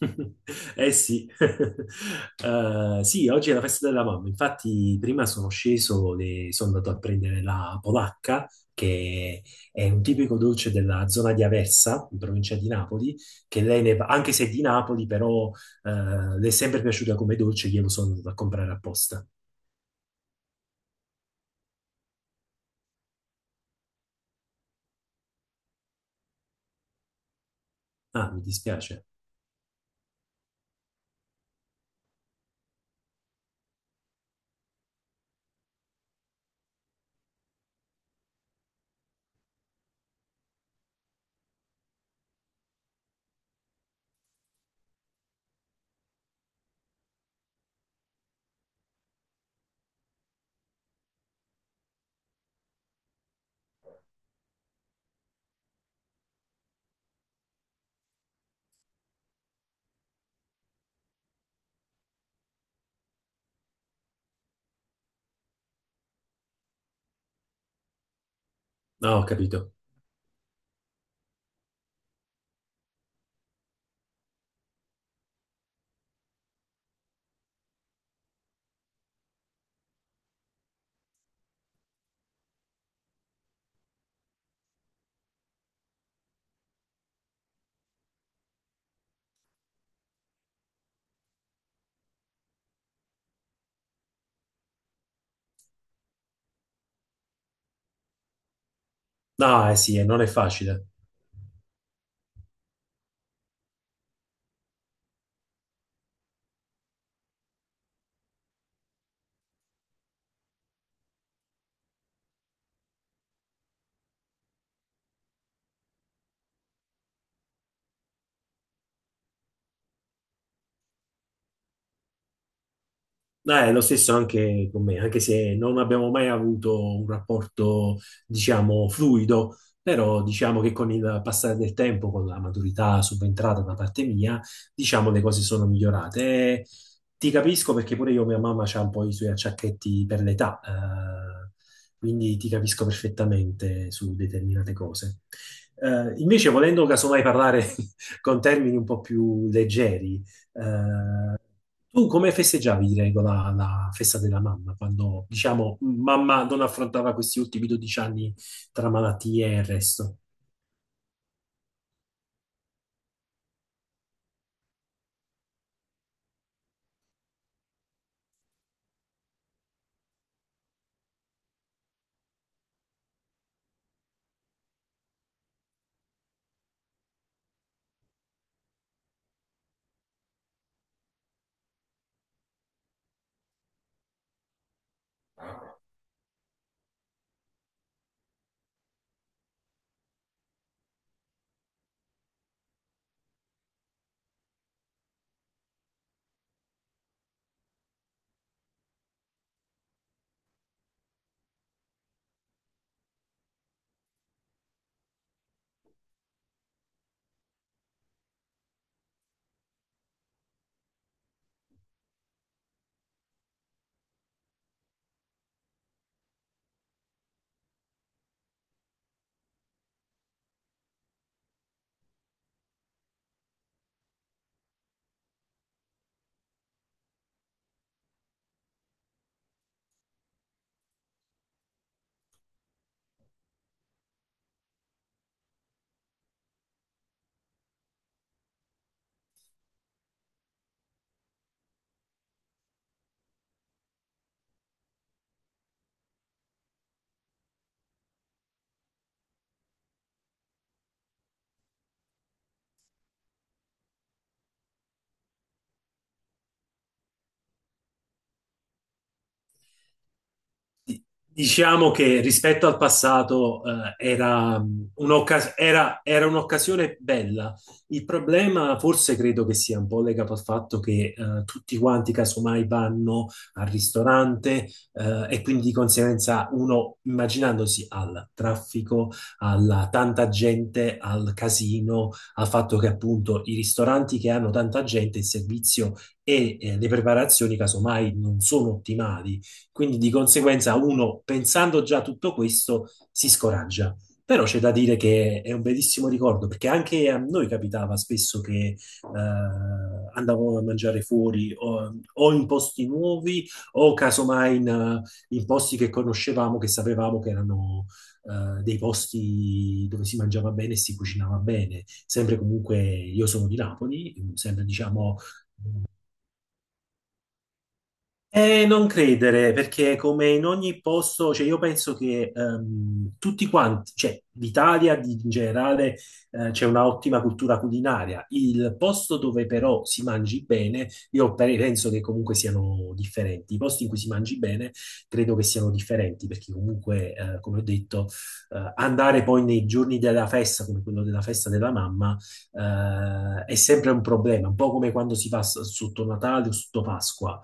Eh sì, sì, oggi è la festa della mamma. Infatti, prima sono sceso e sono andato a prendere la polacca, che è un tipico dolce della zona di Aversa, in provincia di Napoli, che lei, anche se è di Napoli, però eh, le è sempre piaciuta come dolce, glielo sono andato a comprare apposta. Ah, mi dispiace. No, ho capito. No, eh sì, non è facile. No, è lo stesso anche con me, anche se non abbiamo mai avuto un rapporto, diciamo, fluido, però diciamo che con il passare del tempo, con la maturità subentrata da parte mia, diciamo le cose sono migliorate. E ti capisco perché pure io, mia mamma, ha un po' i suoi acciacchetti per l'età, quindi ti capisco perfettamente su determinate cose. Invece, volendo casomai parlare con termini un po' più leggeri, eh, tu come festeggiavi, di regola, la festa della mamma, quando, diciamo, mamma non affrontava questi ultimi 12 anni tra malattie e il resto? Diciamo che rispetto al passato, era, era- un'occasione bella. Il problema forse credo che sia un po' legato al fatto che tutti quanti casomai vanno al ristorante, e quindi di conseguenza uno immaginandosi al traffico, alla tanta gente, al casino, al fatto che appunto i ristoranti che hanno tanta gente, il servizio e le preparazioni casomai non sono ottimali, quindi di conseguenza uno, pensando già a tutto questo, si scoraggia. Però c'è da dire che è un bellissimo ricordo, perché anche a noi capitava spesso che andavamo a mangiare fuori o in posti nuovi o casomai in posti che conoscevamo, che sapevamo che erano dei posti dove si mangiava bene e si cucinava bene. Sempre comunque, io sono di Napoli, sempre diciamo. Non credere, perché come in ogni posto, cioè io penso che tutti quanti, cioè l'Italia in generale c'è una ottima cultura culinaria. Il posto dove però si mangi bene, io penso che comunque siano differenti, i posti in cui si mangi bene credo che siano differenti, perché comunque, come ho detto, andare poi nei giorni della festa, come quello della festa della mamma, è sempre un problema, un po' come quando si va sotto Natale o sotto Pasqua.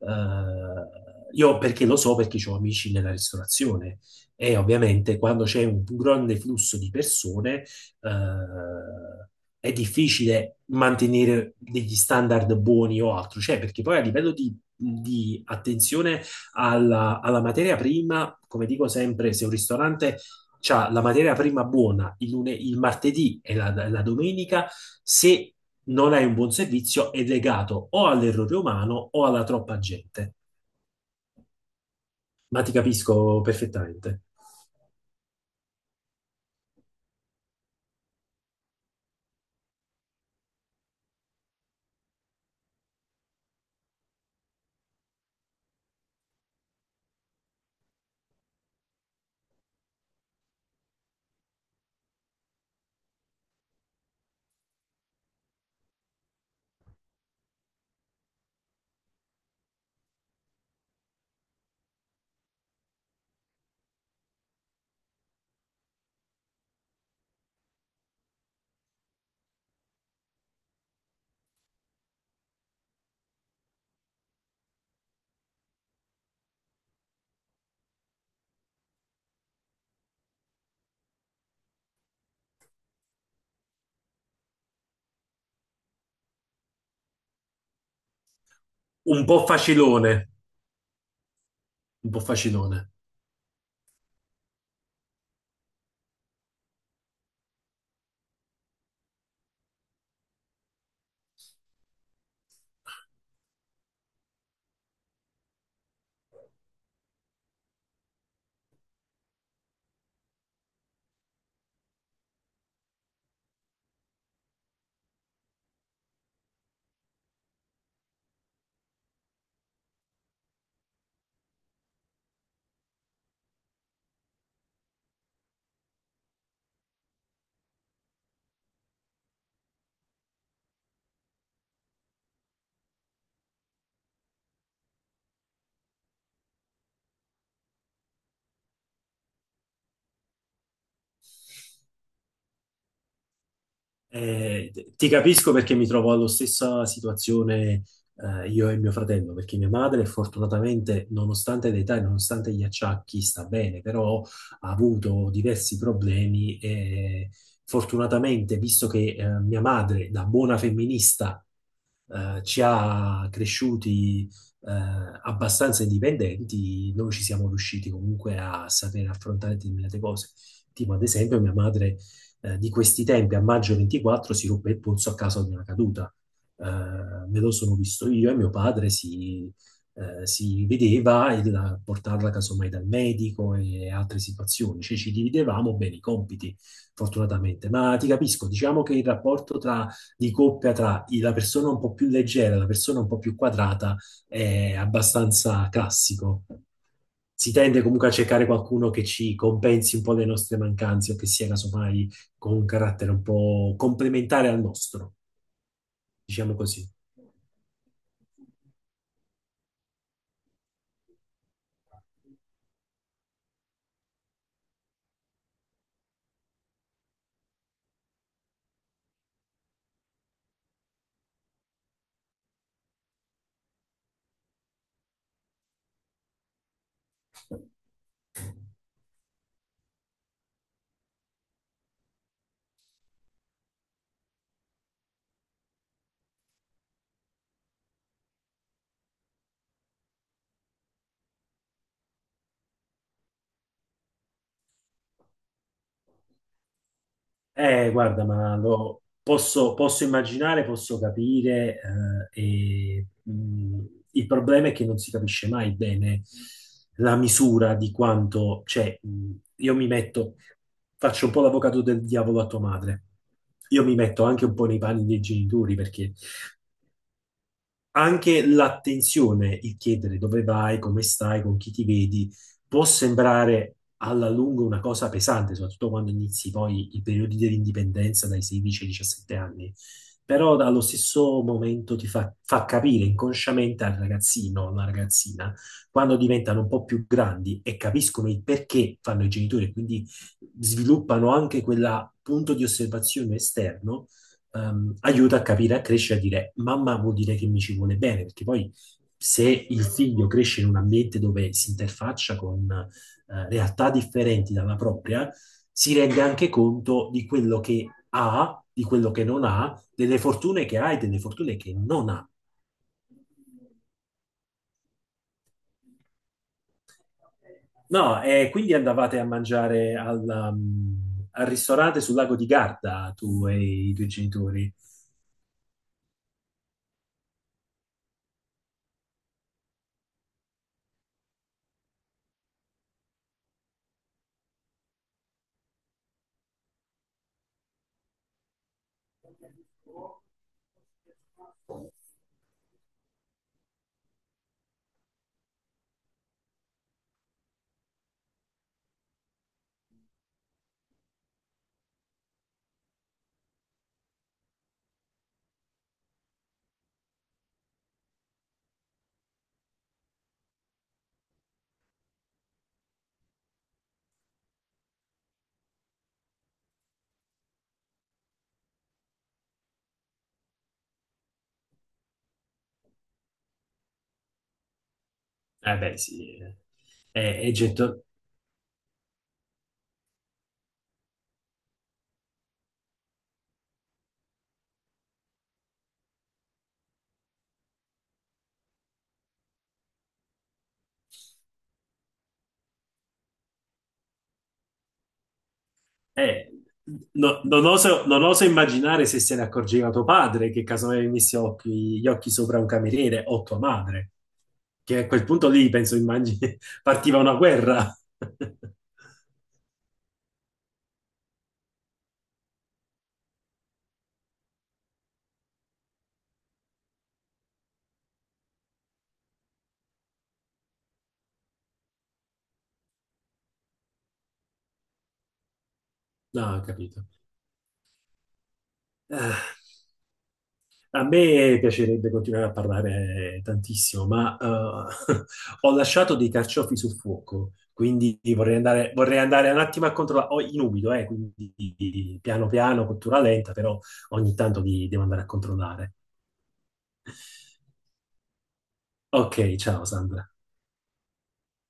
Io perché lo so, perché ho amici nella ristorazione, e ovviamente quando c'è un grande flusso di persone, è difficile mantenere degli standard buoni o altro, cioè perché poi a livello di attenzione alla materia prima, come dico sempre, se un ristorante c'ha la materia prima buona il martedì e la domenica, se non hai un buon servizio è legato o all'errore umano o alla troppa gente. Ma ti capisco perfettamente. Un po' facilone, un po' facilone. Ti capisco perché mi trovo alla stessa situazione, io e mio fratello, perché mia madre fortunatamente, nonostante l'età e nonostante gli acciacchi, sta bene, però ha avuto diversi problemi e fortunatamente, visto che mia madre, da buona femminista, ci ha cresciuti eh, abbastanza indipendenti, noi ci siamo riusciti comunque a sapere affrontare determinate cose. Tipo, ad esempio, mia madre, di questi tempi, a maggio 24, si ruppe il polso a causa di una caduta. Eh, Me lo sono visto io, e mio padre si vedeva a portarla casomai dal medico e altre situazioni, cioè ci dividevamo bene i compiti, fortunatamente. Ma ti capisco, diciamo che il rapporto tra, di coppia, tra la persona un po' più leggera e la persona un po' più quadrata è abbastanza classico. Si tende comunque a cercare qualcuno che ci compensi un po' le nostre mancanze o che sia casomai con un carattere un po' complementare al nostro, diciamo così. Guarda, ma posso immaginare, posso capire, eh, e, mh, il problema è che non si capisce mai bene la misura di quanto, cioè, io mi metto, faccio un po' l'avvocato del diavolo a tua madre, io mi metto anche un po' nei panni dei genitori, perché anche l'attenzione, il chiedere dove vai, come stai, con chi ti vedi, può sembrare alla lunga una cosa pesante, soprattutto quando inizi poi i periodi dell'indipendenza dai 16 ai 17 anni. Però allo stesso momento ti fa capire inconsciamente al ragazzino o alla ragazzina, quando diventano un po' più grandi e capiscono il perché fanno i genitori, e quindi sviluppano anche quel punto di osservazione esterno, aiuta a capire, a crescere, a dire mamma vuol dire che mi ci vuole bene, perché poi se il figlio cresce in un ambiente dove si interfaccia con realtà differenti dalla propria, si rende anche conto di quello che ha, di quello che non ha, delle fortune che ha e delle fortune che non ha. No, e quindi andavate a mangiare al ristorante sul lago di Garda, tu e i tuoi genitori. Eh beh, sì, è getto- Eh, no- non oso immaginare se se ne accorgeva tuo padre, che casomai avessi occhi, gli occhi sopra un cameriere, o tua madre, che a quel punto lì, penso, immagini, partiva una guerra. No, ho capito. Ah, a me piacerebbe continuare a parlare tantissimo, ma ho lasciato dei carciofi sul fuoco, quindi vorrei andare un attimo a controllare, ho in umido, quindi piano piano, cottura lenta, però ogni tanto li devo andare a controllare. Ok, ciao Sandra.